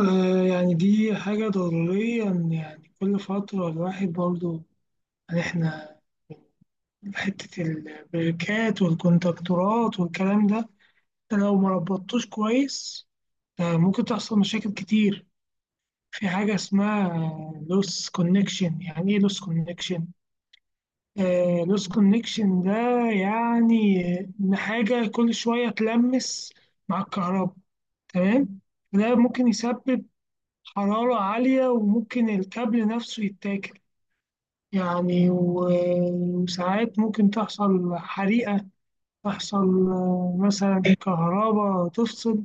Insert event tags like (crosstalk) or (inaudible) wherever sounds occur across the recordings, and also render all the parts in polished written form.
آه، يعني دي حاجة ضروريا. يعني كل فترة الواحد برضو، يعني احنا حتة البريكات والكونتاكتورات والكلام ده، انت لو ما ربطتوش كويس آه ممكن تحصل مشاكل كتير. في حاجة اسمها لوس كونكشن. يعني ايه لوس كونكشن؟ لوس كونكشن ده يعني ان حاجة كل شوية تلمس مع الكهرباء، تمام؟ ده ممكن يسبب حرارة عالية وممكن الكابل نفسه يتاكل، يعني و- وساعات ممكن تحصل حريقة، تحصل مثلا كهرباء تفصل.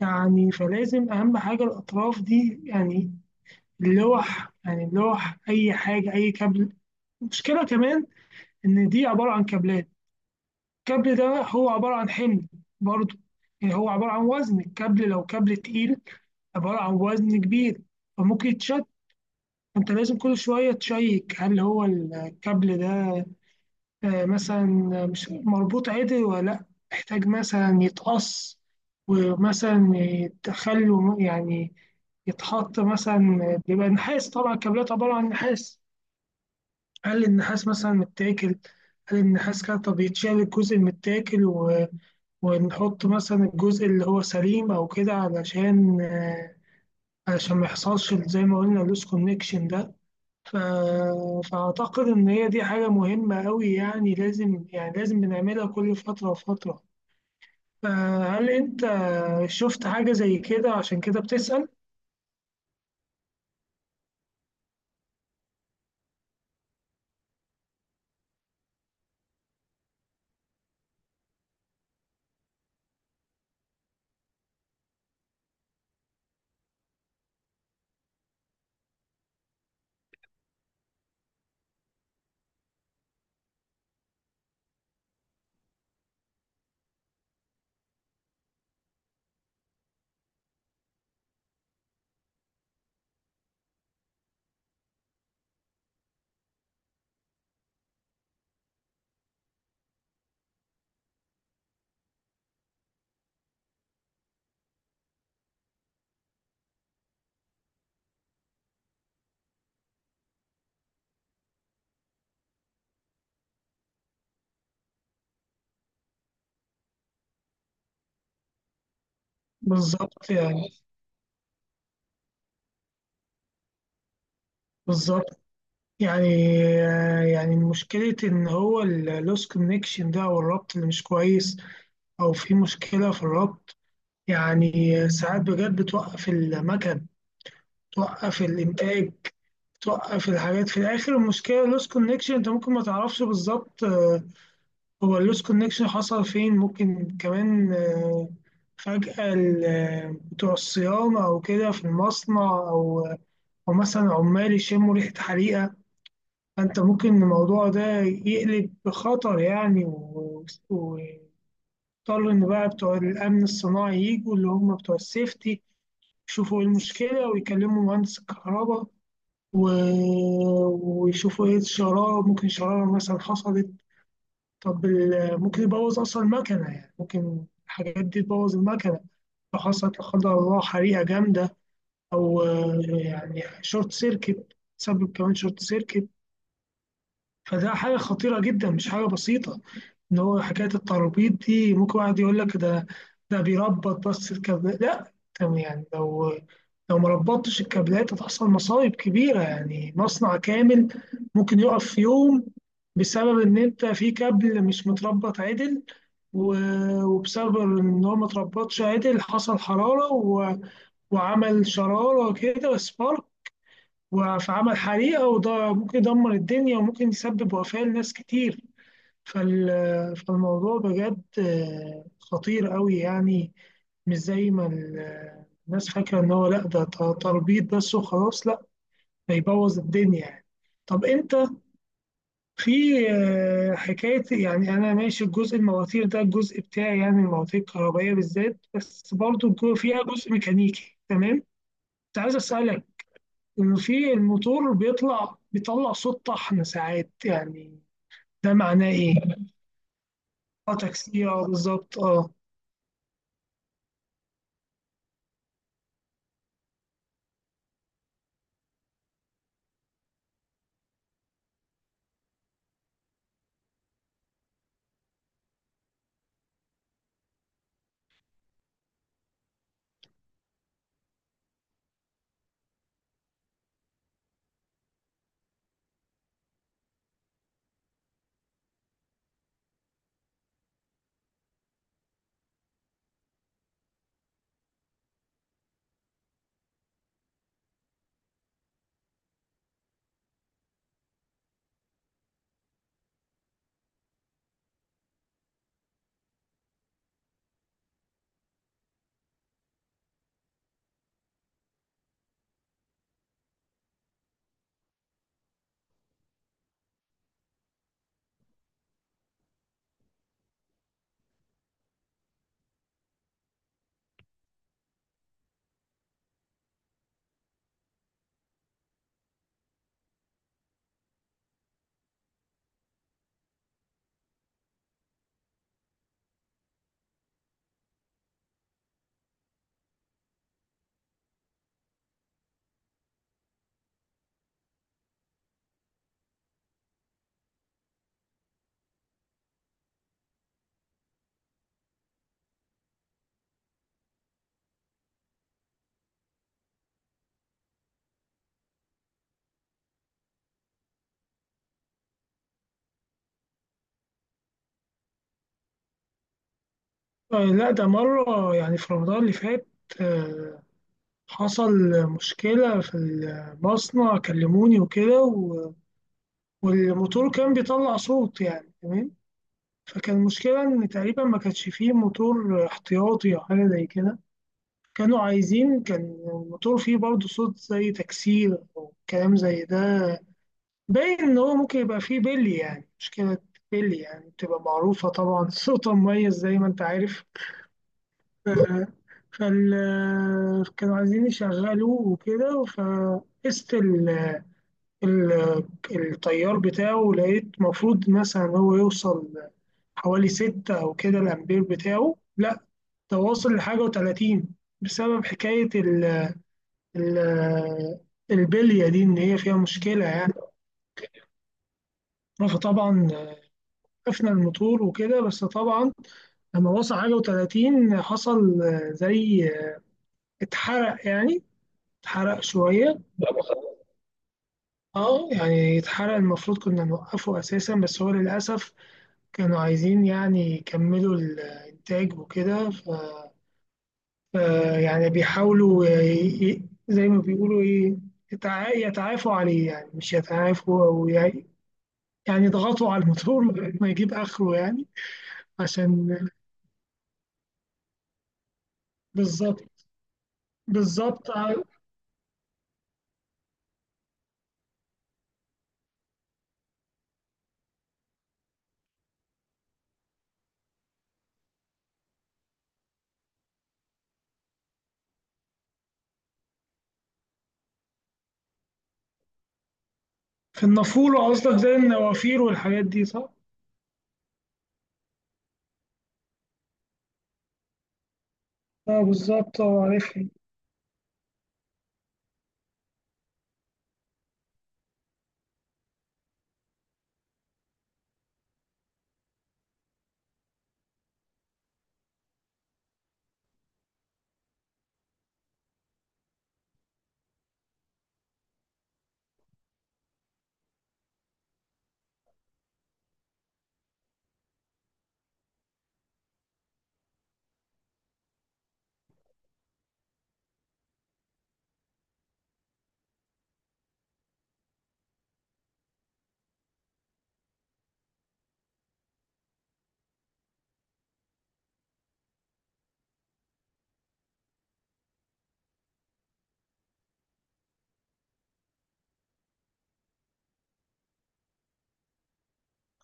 يعني فلازم أهم حاجة الأطراف دي، يعني اللوح، يعني اللوح، أي حاجة أي كابل. المشكلة كمان إن دي عبارة عن كابلات. الكابل ده هو عبارة عن حمل برضه، يعني هو عبارة عن وزن. الكابل لو كابل تقيل عبارة عن وزن كبير، فممكن يتشد. انت لازم كل شوية تشيك هل هو الكابل ده مثلا مش مربوط عدل ولا لا، محتاج مثلا يتقص، ومثلا يتخلوا يعني، يتحط مثلا. بيبقى نحاس، طبعا الكابلات عبارة عن نحاس. هل النحاس مثلا متاكل؟ هل النحاس كده؟ طب يتشال الجزء المتاكل ونحط مثلا الجزء اللي هو سليم او كده، علشان علشان ما يحصلش زي ما قلنا اللوس كونكشن ده. ف... فأعتقد إن هي دي حاجة مهمة أوي، يعني لازم، يعني لازم بنعملها كل فترة وفترة. فهل أنت شفت حاجة زي كده عشان كده بتسأل؟ بالظبط يعني، بالظبط. يعني مشكلة إن هو اللوس كونكشن ده، أو الربط اللي مش كويس، أو في مشكلة في الربط، يعني ساعات بجد بتوقف المكن، توقف الإنتاج، توقف الحاجات في الآخر. المشكلة اللوس كونكشن أنت ممكن ما تعرفش بالظبط هو اللوس كونكشن حصل فين. ممكن كمان فجأة بتوع الصيانة أو كده في المصنع، أو مثلا عمال يشموا ريحة حريقة، فأنت ممكن الموضوع ده يقلب بخطر، يعني واضطر إن بقى بتوع الأمن الصناعي يجوا، اللي هم بتوع السيفتي، يشوفوا إيه المشكلة ويكلموا مهندس الكهرباء ويشوفوا إيه الشرارة. ممكن شرارة مثلا حصلت. طب ممكن يبوظ أصلا المكنة، يعني ممكن الحاجات دي تبوظ المكنة لو حصلت لا قدر الله حريقة جامدة، أو يعني شورت سيركت، تسبب كمان شورت سيركت. فده حاجة خطيرة جدا، مش حاجة بسيطة. ان هو حكايه التربيط دي ممكن واحد يقول لك ده بيربط بس الكابلات، لا تمام. يعني لو ما ربطتش الكابلات هتحصل مصايب كبيره، يعني مصنع كامل ممكن يقف في يوم بسبب ان انت في كابل مش متربط عدل، وبسبب ان هو ما اتربطش عدل حصل حراره وعمل شراره كده، سبارك، فعمل حريقه، وده ممكن يدمر الدنيا وممكن يسبب وفاه لناس كتير. فالموضوع بجد خطير قوي، يعني مش زي ما الناس فاكرة إن هو لأ، ده تربيط بس وخلاص. لأ، ده يبوظ الدنيا يعني. طب أنت في حكاية، يعني أنا ماشي الجزء المواتير ده الجزء بتاعي، يعني المواتير الكهربائية بالذات، بس برضو فيها جزء ميكانيكي، تمام. كنت عايز أسألك إنه في الموتور بيطلع صوت طحن ساعات يعني. ده معناه إيه؟ اه تاكسي، اه بالظبط اه. لا ده مرة يعني في رمضان اللي فات آه، حصل مشكلة في المصنع، كلموني وكده، والموتور كان بيطلع صوت، يعني تمام. فكان المشكلة إن تقريبا ما كانش فيه موتور احتياطي أو حاجة زي كده. كانوا عايزين، كان الموتور فيه برضه صوت زي تكسير أو كلام زي ده، باين إن هو ممكن يبقى فيه بلي، يعني مشكلة بلي، يعني بتبقى معروفة طبعا (laughs) صوتها مميز زي ما أنت عارف. فال كانوا عايزين يشغلوه وكده، فقست ال... التيار بتاعه، لقيت المفروض مثلا هو يوصل حوالي 6 أو كده الأمبير بتاعه، لا ده واصل لحاجة وتلاتين بسبب حكاية ال... البلية دي إن هي فيها مشكلة يعني. فطبعا قفنا الموتور وكده، بس طبعا لما وصل حاجة وتلاتين حصل زي اتحرق يعني، اتحرق شوية. اه يعني يتحرق، المفروض كنا نوقفه اساسا، بس هو للاسف كانوا عايزين يعني يكملوا الانتاج وكده، ف يعني بيحاولوا زي ما بيقولوا ايه، يتعافوا عليه، يعني مش يتعافوا او يعني يضغطوا على الموتور (laughs) ما يجيب اخره يعني. عشان. بالظبط. بالظبط. في النافوره قصدك، زي النوافير والحاجات دي، صح؟ اه بالظبط، اه عارفها.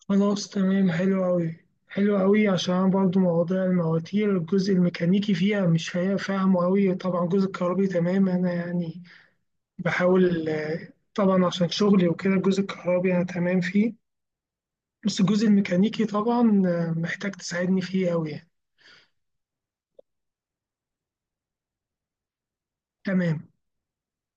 خلاص تمام، حلو أوي. حلو أوي عشان أنا برضو مواضيع المواتير الجزء الميكانيكي فيها مش فاهمه أوي، طبعا الجزء الكهربي تمام، أنا يعني بحاول طبعا عشان شغلي وكده الجزء الكهربي أنا تمام فيه، بس الجزء الميكانيكي طبعا محتاج تساعدني فيه أوي يعني. تمام.